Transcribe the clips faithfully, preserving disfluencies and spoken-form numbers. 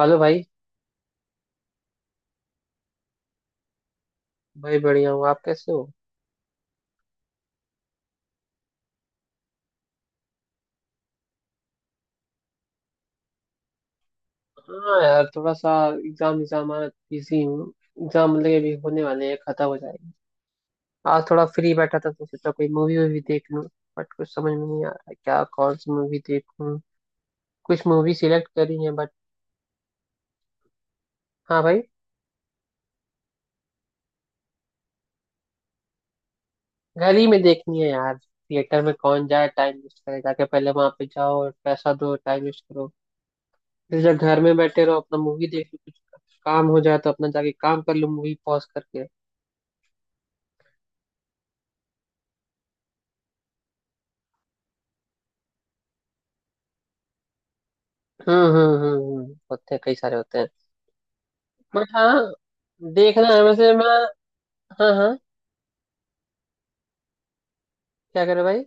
Hello भाई। भाई बढ़िया हूँ, आप कैसे हो? हाँ यार, थोड़ा सा एग्जाम एग्जाम बिजी हूँ। एग्जाम मतलब अभी होने वाले हैं, खत्म हो जाएंगे। आज थोड़ा फ्री बैठा था तो सोचा कोई मूवी वूवी देख लूँ, बट कुछ समझ में नहीं आ रहा है क्या, कौन सी मूवी देखूँ। कुछ मूवी सिलेक्ट करी है बट हाँ भाई, घर ही में देखनी है यार। थिएटर में कौन जाए टाइम वेस्ट करे, जाके पहले वहां पे जाओ और पैसा दो, टाइम वेस्ट करो। फिर जब घर में बैठे रहो अपना मूवी देख लो, कुछ काम हो जाए तो अपना जाके काम कर लो मूवी पॉज करके। हम्म हम्म हम्म हम्म, होते हैं, कई सारे होते हैं। बट हाँ, देखना है वैसे मैं। हाँ हाँ। क्या करे भाई।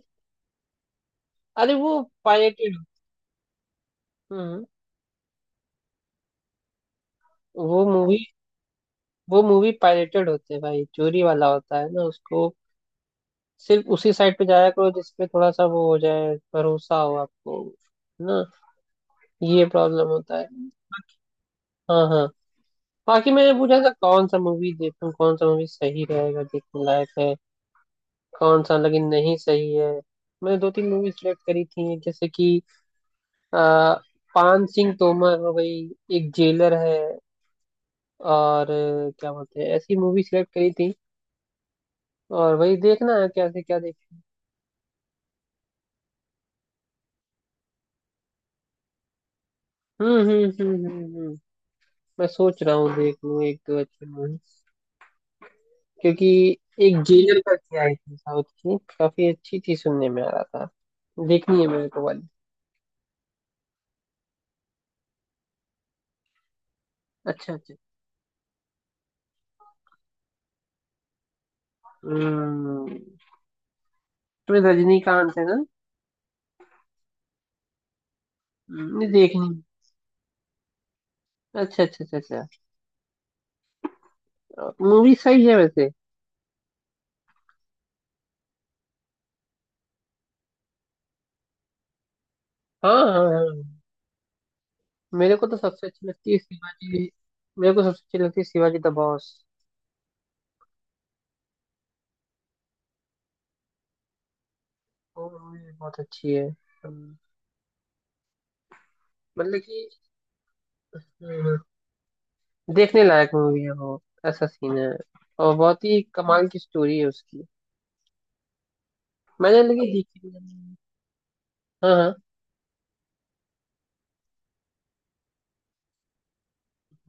अरे वो पायरेटेड। हम्म वो मूवी वो मूवी पायरेटेड होते हैं भाई, चोरी वाला होता है ना उसको। सिर्फ उसी साइट पे जाया करो जिसपे थोड़ा सा वो हो जाए, भरोसा हो आपको। है ना? ये प्रॉब्लम होता है। हाँ हाँ। बाकी मैंने पूछा था कौन सा मूवी देखूं, कौन सा मूवी सही रहेगा देखने लायक है, कौन सा लेकिन नहीं सही है। मैंने दो तीन मूवी सिलेक्ट करी थी, जैसे कि आ, पान सिंह तोमर हो गई, एक जेलर है, और क्या बोलते हैं, ऐसी मूवी सिलेक्ट करी थी। और वही देखना है, कैसे क्या देखें। हम्म हम्म हम्म हम्म हम्म। मैं सोच रहा हूँ देख लूँ एक दो अच्छी मूवी, क्योंकि एक जेलर करके आई थी साउथ की, काफी अच्छी थी सुनने में आ रहा था। देखनी है मेरे को वाली। अच्छा अच्छा। हम्म तो रजनीकांत है ना? हम्म, नहीं देखनी। अच्छा अच्छा अच्छा। अच्छा मूवी सही है वैसे। हाँ हाँ हाँ। मेरे को तो सबसे अच्छी लगती है शिवाजी। मेरे को सबसे अच्छी लगती है शिवाजी द बॉस। वो मूवी बहुत अच्छी है। हम्म, मतलब कि हम्म, देखने लायक मूवी है वो, ऐसा सीन है। और बहुत ही कमाल की स्टोरी है उसकी। मैंने लगी देखी भी नहीं। हाँ हाँ।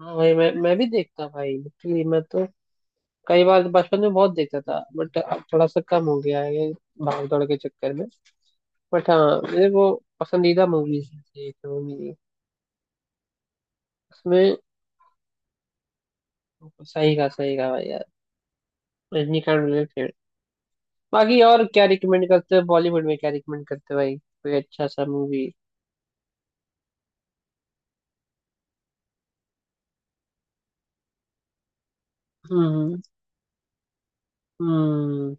हाँ भाई, मैं मैं भी देखता भाई, लिटरली मैं तो कई बार तो बचपन में बहुत देखता था, बट अब थोड़ा सा कम हो गया है ये, भाग दौड़ के चक्कर में। बट हाँ, मेरे वो पसंदीदा मूवीज है एक तो मेरी, उसमें। सही कहा, सही कहा भाई। रजनीकांत मेरे फेवरेट। बाकी और क्या रिकमेंड करते हो, बॉलीवुड में क्या रिकमेंड करते हो भाई, कोई अच्छा सा मूवी? हम्म हम्म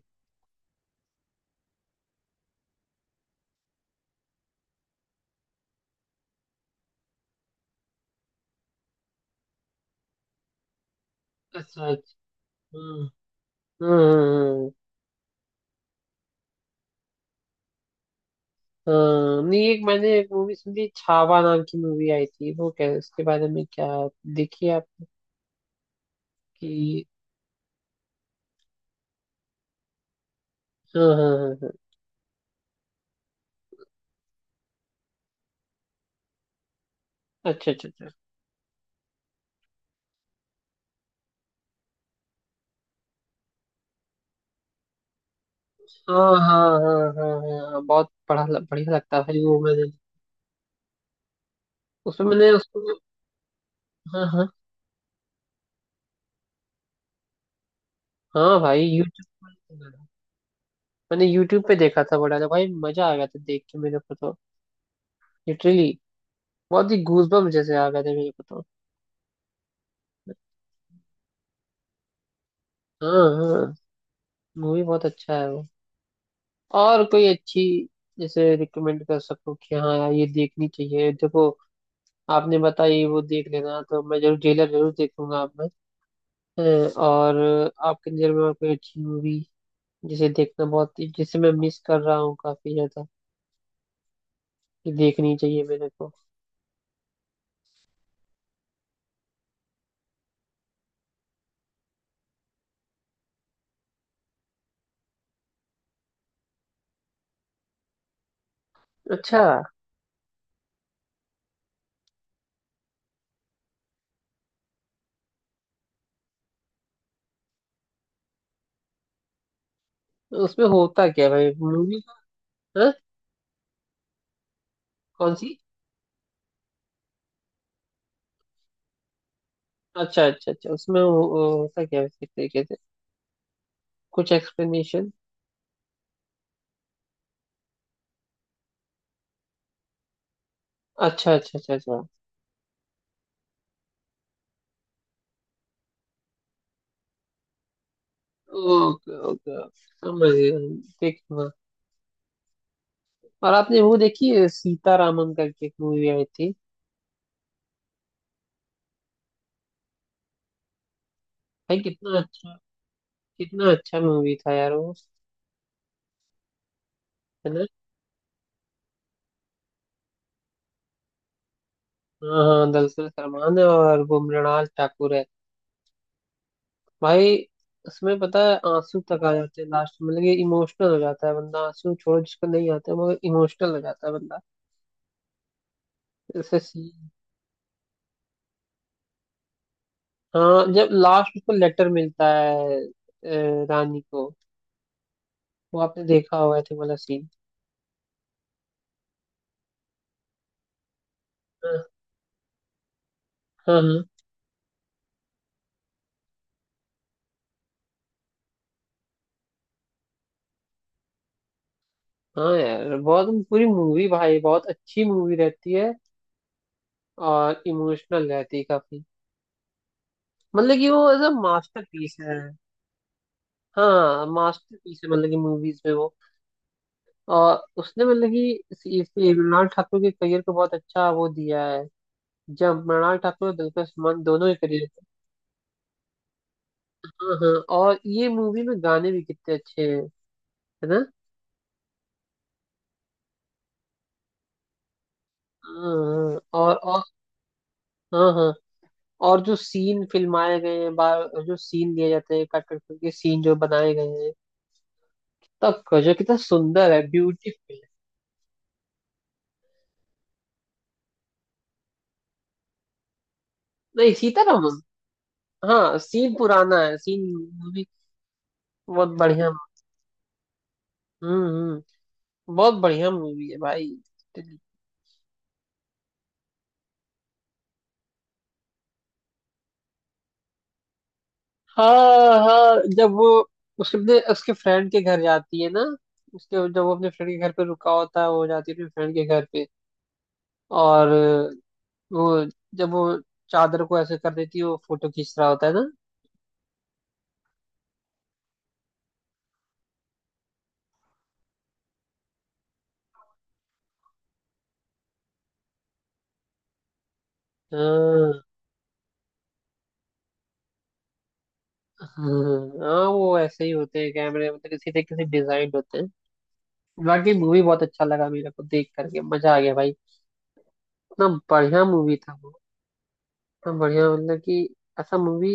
अच्छा अच्छा। हम्म हम्म हम्म, हम्म। नहीं, एक मैंने एक मूवी सुनी छावा नाम की, मूवी आई थी वो, क्या उसके बारे में? क्या देखिए आप कि? हाँ हाँ हाँ हाँ। अच्छा अच्छा अच्छा। हाँ हाँ हाँ हाँ हाँ हाँ, बहुत बड़ा बढ़िया लगता है भाई वो। मैंने उसमें, मैंने उसको, हाँ हाँ हाँ भाई। यूट्यूब, मैंने यूट्यूब पे देखा था बड़ा, तो भाई मजा आ गया था देख के मेरे को तो। लिटरली बहुत ही गूजबम्प जैसे आ गए थे मेरे को तो। हाँ हाँ। मूवी बहुत अच्छा है वो। और कोई अच्छी, जैसे रिकमेंड कर सको कि हाँ यार, ये देखनी चाहिए देखो। आपने बताई वो देख लेना, तो मैं जरूर जेलर जरूर देखूंगा आप में। हाँ, और आपके नजर में और कोई अच्छी मूवी, जिसे देखना, बहुत जिसे मैं मिस कर रहा हूँ काफी ज्यादा, कि देखनी चाहिए मेरे को। अच्छा, उसमें होता क्या है भाई मूवी? हाँ। कौन सी? अच्छा अच्छा अच्छा, उसमें हो- हो- होता क्या है, किस तरीके से, कुछ एक्सप्लेनेशन? अच्छा अच्छा अच्छा अच्छा। Okay okay. समझ गया। देखूंगा। और आपने वो देखी है, सीतारामन करके एक मूवी आई थी? भाई कितना अच्छा, कितना अच्छा मूवी था यार वो। है ना? हाँ हाँ, दरअसल सलमान है, और वो मृणाल ठाकुर है। भाई उसमें पता है आंसू तक आ जाते हैं लास्ट में, मतलब इमोशनल हो जाता है बंदा। आंसू छोड़ो जिसको नहीं आते, मगर इमोशनल हो जाता है बंदा। जैसे, हाँ जब लास्ट उसको लेटर मिलता है अ, रानी को। वो आपने देखा होगा थे वाला सीन। हाँ हाँ हाँ। हाँ यार, बहुत पूरी मूवी भाई, बहुत अच्छी मूवी रहती है। और इमोशनल रहती है काफी। मतलब कि वो एज अ मास्टरपीस है। हाँ मास्टरपीस है, मतलब कि मूवीज में वो। और उसने मतलब कि इस- इस- मृणाल ठाकुर के करियर को बहुत अच्छा वो दिया है। जब मृणाल ठाकुर और दुलकर सलमान दोनों के करियर। हाँ हाँ। और ये मूवी में गाने भी कितने अच्छे हैं, है ना? हाँ, और और हाँ हाँ। और जो सीन फिल्माए गए हैं बार, जो सीन दिए जाते हैं कट कट करके, सीन जो बनाए गए हैं तब का, जो कितना सुंदर है, ब्यूटीफुल है। नहीं सीतारामम, हाँ सीन पुराना है, सीन मूवी बहुत बढ़िया। हम्म हम्म बहुत बढ़िया मूवी है भाई। हाँ हाँ, जब वो उसके अपने उसके फ्रेंड के घर जाती है ना, उसके जब वो अपने फ्रेंड के घर पे रुका होता है, वो जाती है अपने फ्रेंड के घर पे, और वो जब वो चादर को ऐसे कर देती है, वो फोटो खींच रहा होता है ना। हाँ हाँ हाँ, वो ऐसे ही होते हैं कैमरे, मतलब किसी न किसी डिजाइन होते हैं। बाकी मूवी बहुत अच्छा लगा मेरे को, देख करके मजा आ गया भाई। इतना बढ़िया मूवी था वो। इतना बढ़िया, मतलब कि ऐसा मूवी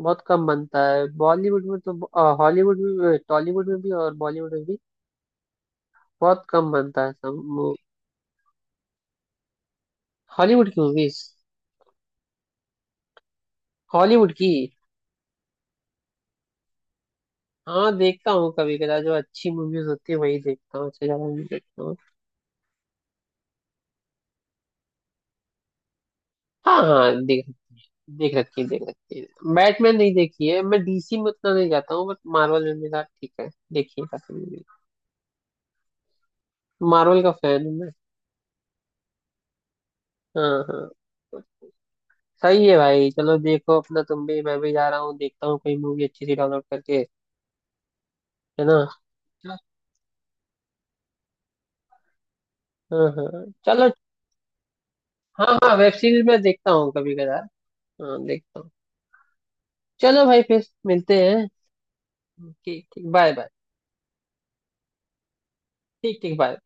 बहुत कम बनता है बॉलीवुड में, तो अ, हॉलीवुड में, टॉलीवुड में भी और बॉलीवुड में भी बहुत कम बनता है ऐसा मूवी। हॉलीवुड की मूवीज? हॉलीवुड की? हाँ देखता हूँ कभी कदा, जो अच्छी मूवीज होती है वही देखता हूँ, उससे ज्यादा नहीं देखता हूँ। हाँ हाँ, देख देख रखी है, देख रखी है। बैटमैन नहीं देखी है मैं, डी सी में उतना नहीं जाता हूँ, बट मार्वल में मेरा ठीक है, देखिए काफी मूवी। मार्वल का फैन हूँ मैं। हाँ हाँ। सही है भाई, चलो देखो अपना, तुम भी मैं भी, जा रहा हूँ देखता हूँ कोई मूवी अच्छी सी डाउनलोड करके, है ना? हाँ हाँ हाँ। चलो। हाँ हाँ, वेब सीरीज मैं देखता हूँ कभी कदार। हाँ देखता हूँ। चलो भाई फिर मिलते हैं। ठीक ठीक, बाय बाय। ठीक ठीक, बाय।